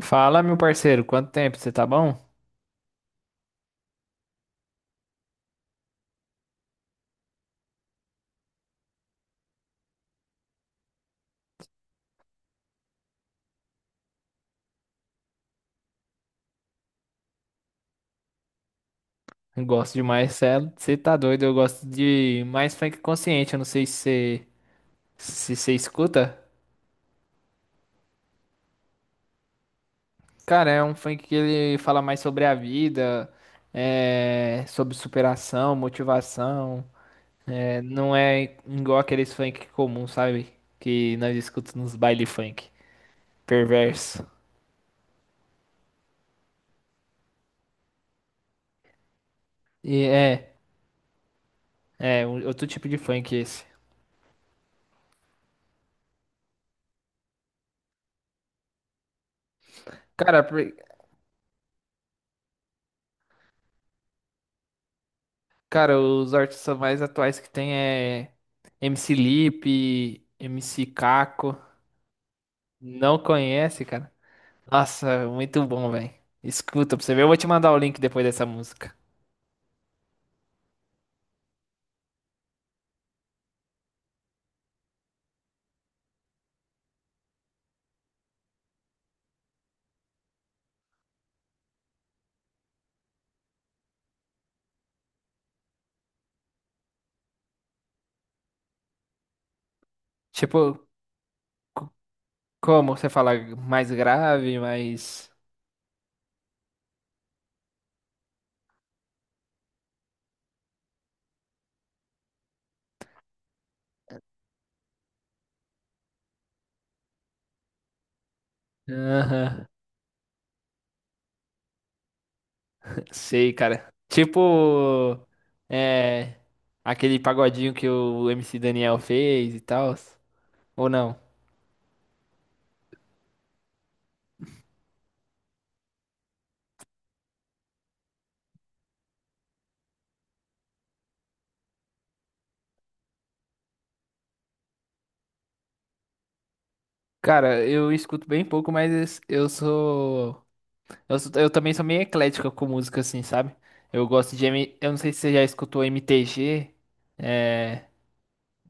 Fala, meu parceiro, quanto tempo? Você tá bom? Eu gosto demais, Celo. Você tá doido? Eu gosto de mais funk consciente. Eu não sei se você se você escuta. Cara, é um funk que ele fala mais sobre a vida, sobre superação, motivação. É, não é igual aqueles funk comum, sabe? Que nós escutamos nos baile funk. Perverso. E é, outro tipo de funk esse. Cara, por- Cara, os artistas mais atuais que tem é MC Lipe, MC Caco. Não conhece, cara? Nossa, muito bom, velho. Escuta pra você ver. Eu vou te mandar o link depois dessa música. Tipo, c- como você fala mais grave, mais. Aham, sei, cara. Tipo, é. Aquele pagodinho que o MC Daniel fez e tal. Ou não? Cara, eu escuto bem pouco, mas eu sou. Eu também sou meio eclético com música, assim, sabe? Eu gosto de. Eu não sei se você já escutou MTG. É.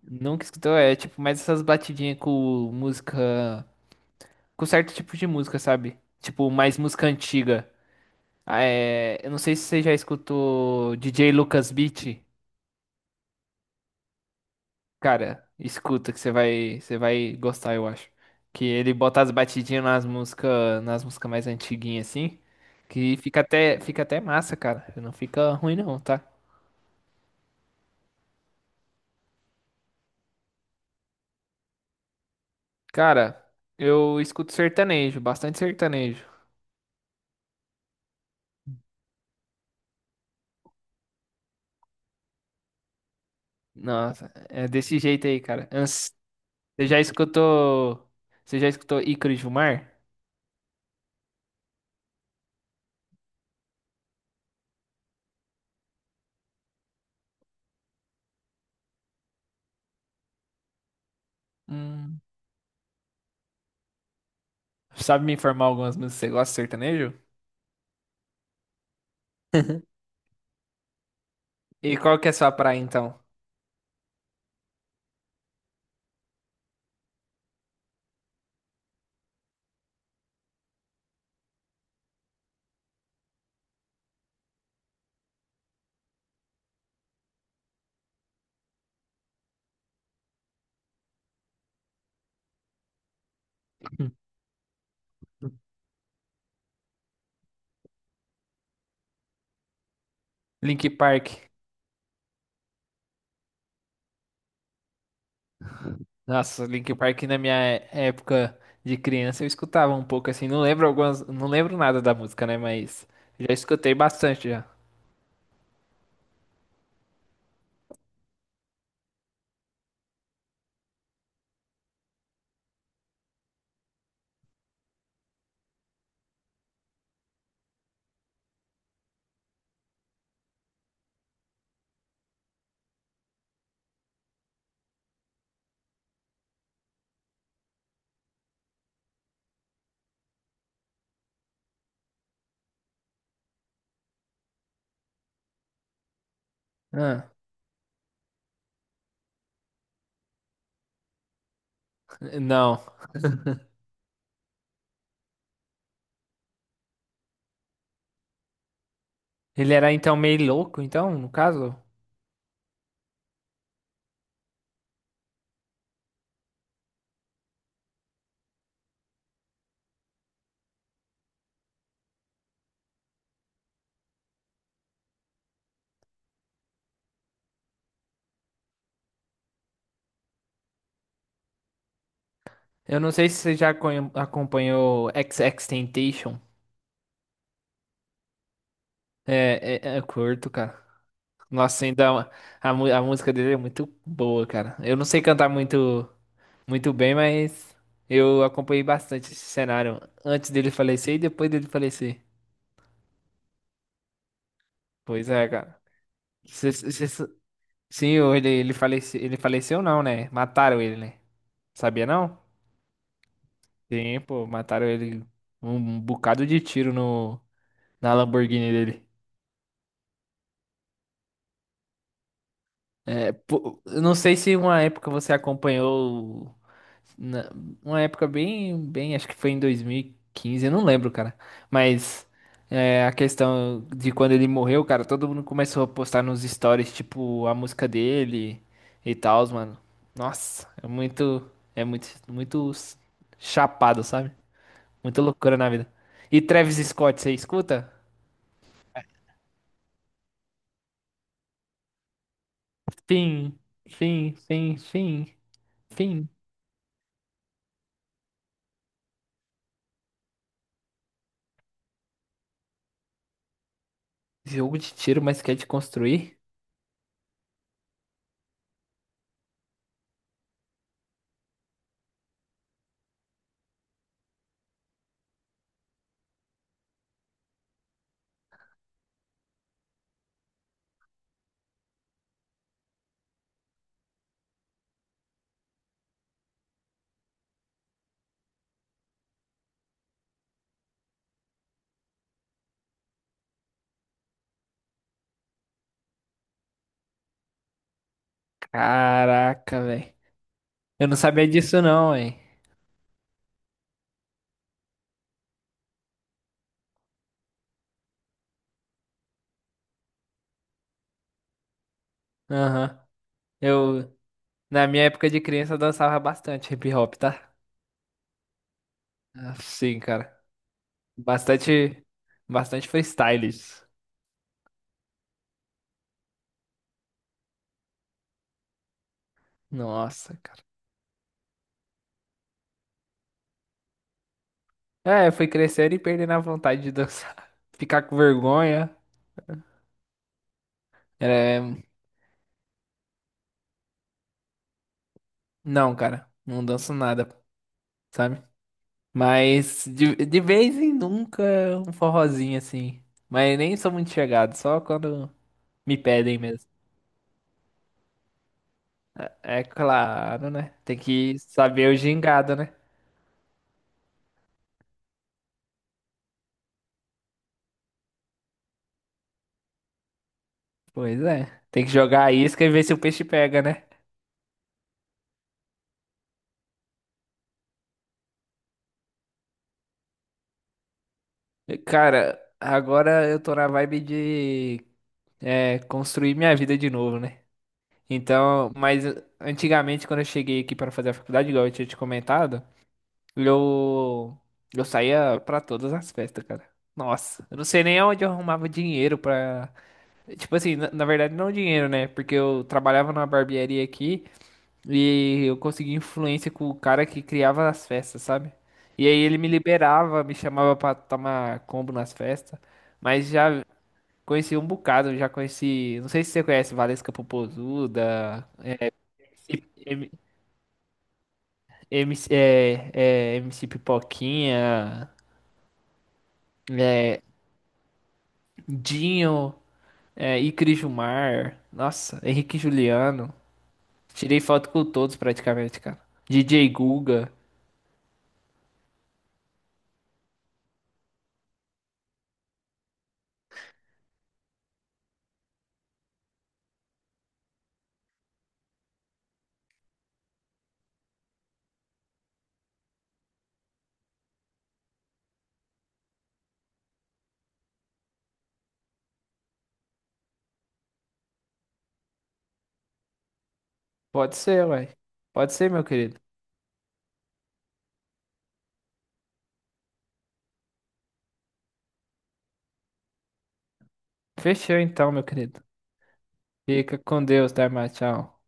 Nunca escutou, é tipo mais essas batidinhas com música. Com certo tipo de música, sabe? Tipo, mais música antiga. É, eu não sei se você já escutou DJ Lucas Beat. Cara, escuta que você vai gostar, eu acho. Que ele bota as batidinhas nas músicas mais antiguinhas, assim. Que fica até massa, cara. Não fica ruim, não, tá? Cara, eu escuto sertanejo, bastante sertanejo. Nossa, é desse jeito aí, cara. Você já escutou? Você já escutou Ícaro e Gilmar? Hum. Sabe me informar algumas músicas? Você gosta de sertanejo? E qual que é a sua praia então? Link Park. Nossa, Link Park na minha época de criança eu escutava um pouco assim, não lembro algumas, não lembro nada da música, né, mas já escutei bastante já. Ah, não. Ele era então meio louco, então, no caso? Eu não sei se você já acompanhou XXXTentacion. É curto, cara. Nossa, ainda a música dele é muito boa, cara. Eu não sei cantar muito, muito bem, mas eu acompanhei bastante esse cenário antes dele falecer e depois dele falecer. Pois é, cara. Se- se- se- Sim, falece, ele faleceu, não, né? Mataram ele, né? Sabia não? Sim, pô, mataram ele um bocado de tiro no, na Lamborghini dele. Pô, eu não sei se uma época você acompanhou, na- uma época bem, acho que foi em 2015, eu não lembro, cara. Mas é, a questão de quando ele morreu, cara, todo mundo começou a postar nos stories, tipo, a música dele e tal, mano. Nossa, é muito, muito chapado, sabe? Muita loucura na vida. E Travis Scott, você escuta? Fim, fim, fim, fim, fim. Jogo de tiro, mas quer te construir? Caraca, velho. Eu não sabia disso não, hein? Aham. Eu, na minha época de criança, eu dançava bastante hip hop, tá? Sim, cara. Bastante, bastante freestyles. Nossa, cara. É, eu fui crescendo e perdendo a vontade de dançar. Ficar com vergonha. É... Não, cara. Não danço nada, sabe? Mas de vez em nunca um forrozinho assim. Mas nem sou muito chegado, só quando me pedem mesmo. É claro, né? Tem que saber o gingado, né? Pois é. Tem que jogar a isca e ver se o peixe pega, né? Cara, agora eu tô na vibe de construir minha vida de novo, né? Então, mas antigamente, quando eu cheguei aqui para fazer a faculdade, igual eu tinha te comentado, eu, eu saía pra todas as festas, cara. Nossa, eu não sei nem onde eu arrumava dinheiro pra. Tipo assim, na verdade, não dinheiro, né? Porque eu trabalhava numa barbearia aqui. E eu consegui influência com o cara que criava as festas, sabe? E aí ele me liberava, me chamava pra tomar combo nas festas. Mas já conheci um bocado, já conheci. Não sei se você conhece Valesca Popozuda, M- MC, MC Pipoquinha, é, Dinho, Icri Jumar, nossa, Henrique Juliano. Tirei foto com todos praticamente, cara. DJ Guga. Pode ser, ué. Pode ser, meu querido. Fechou então, meu querido. Fica com Deus, Dharma. Tchau.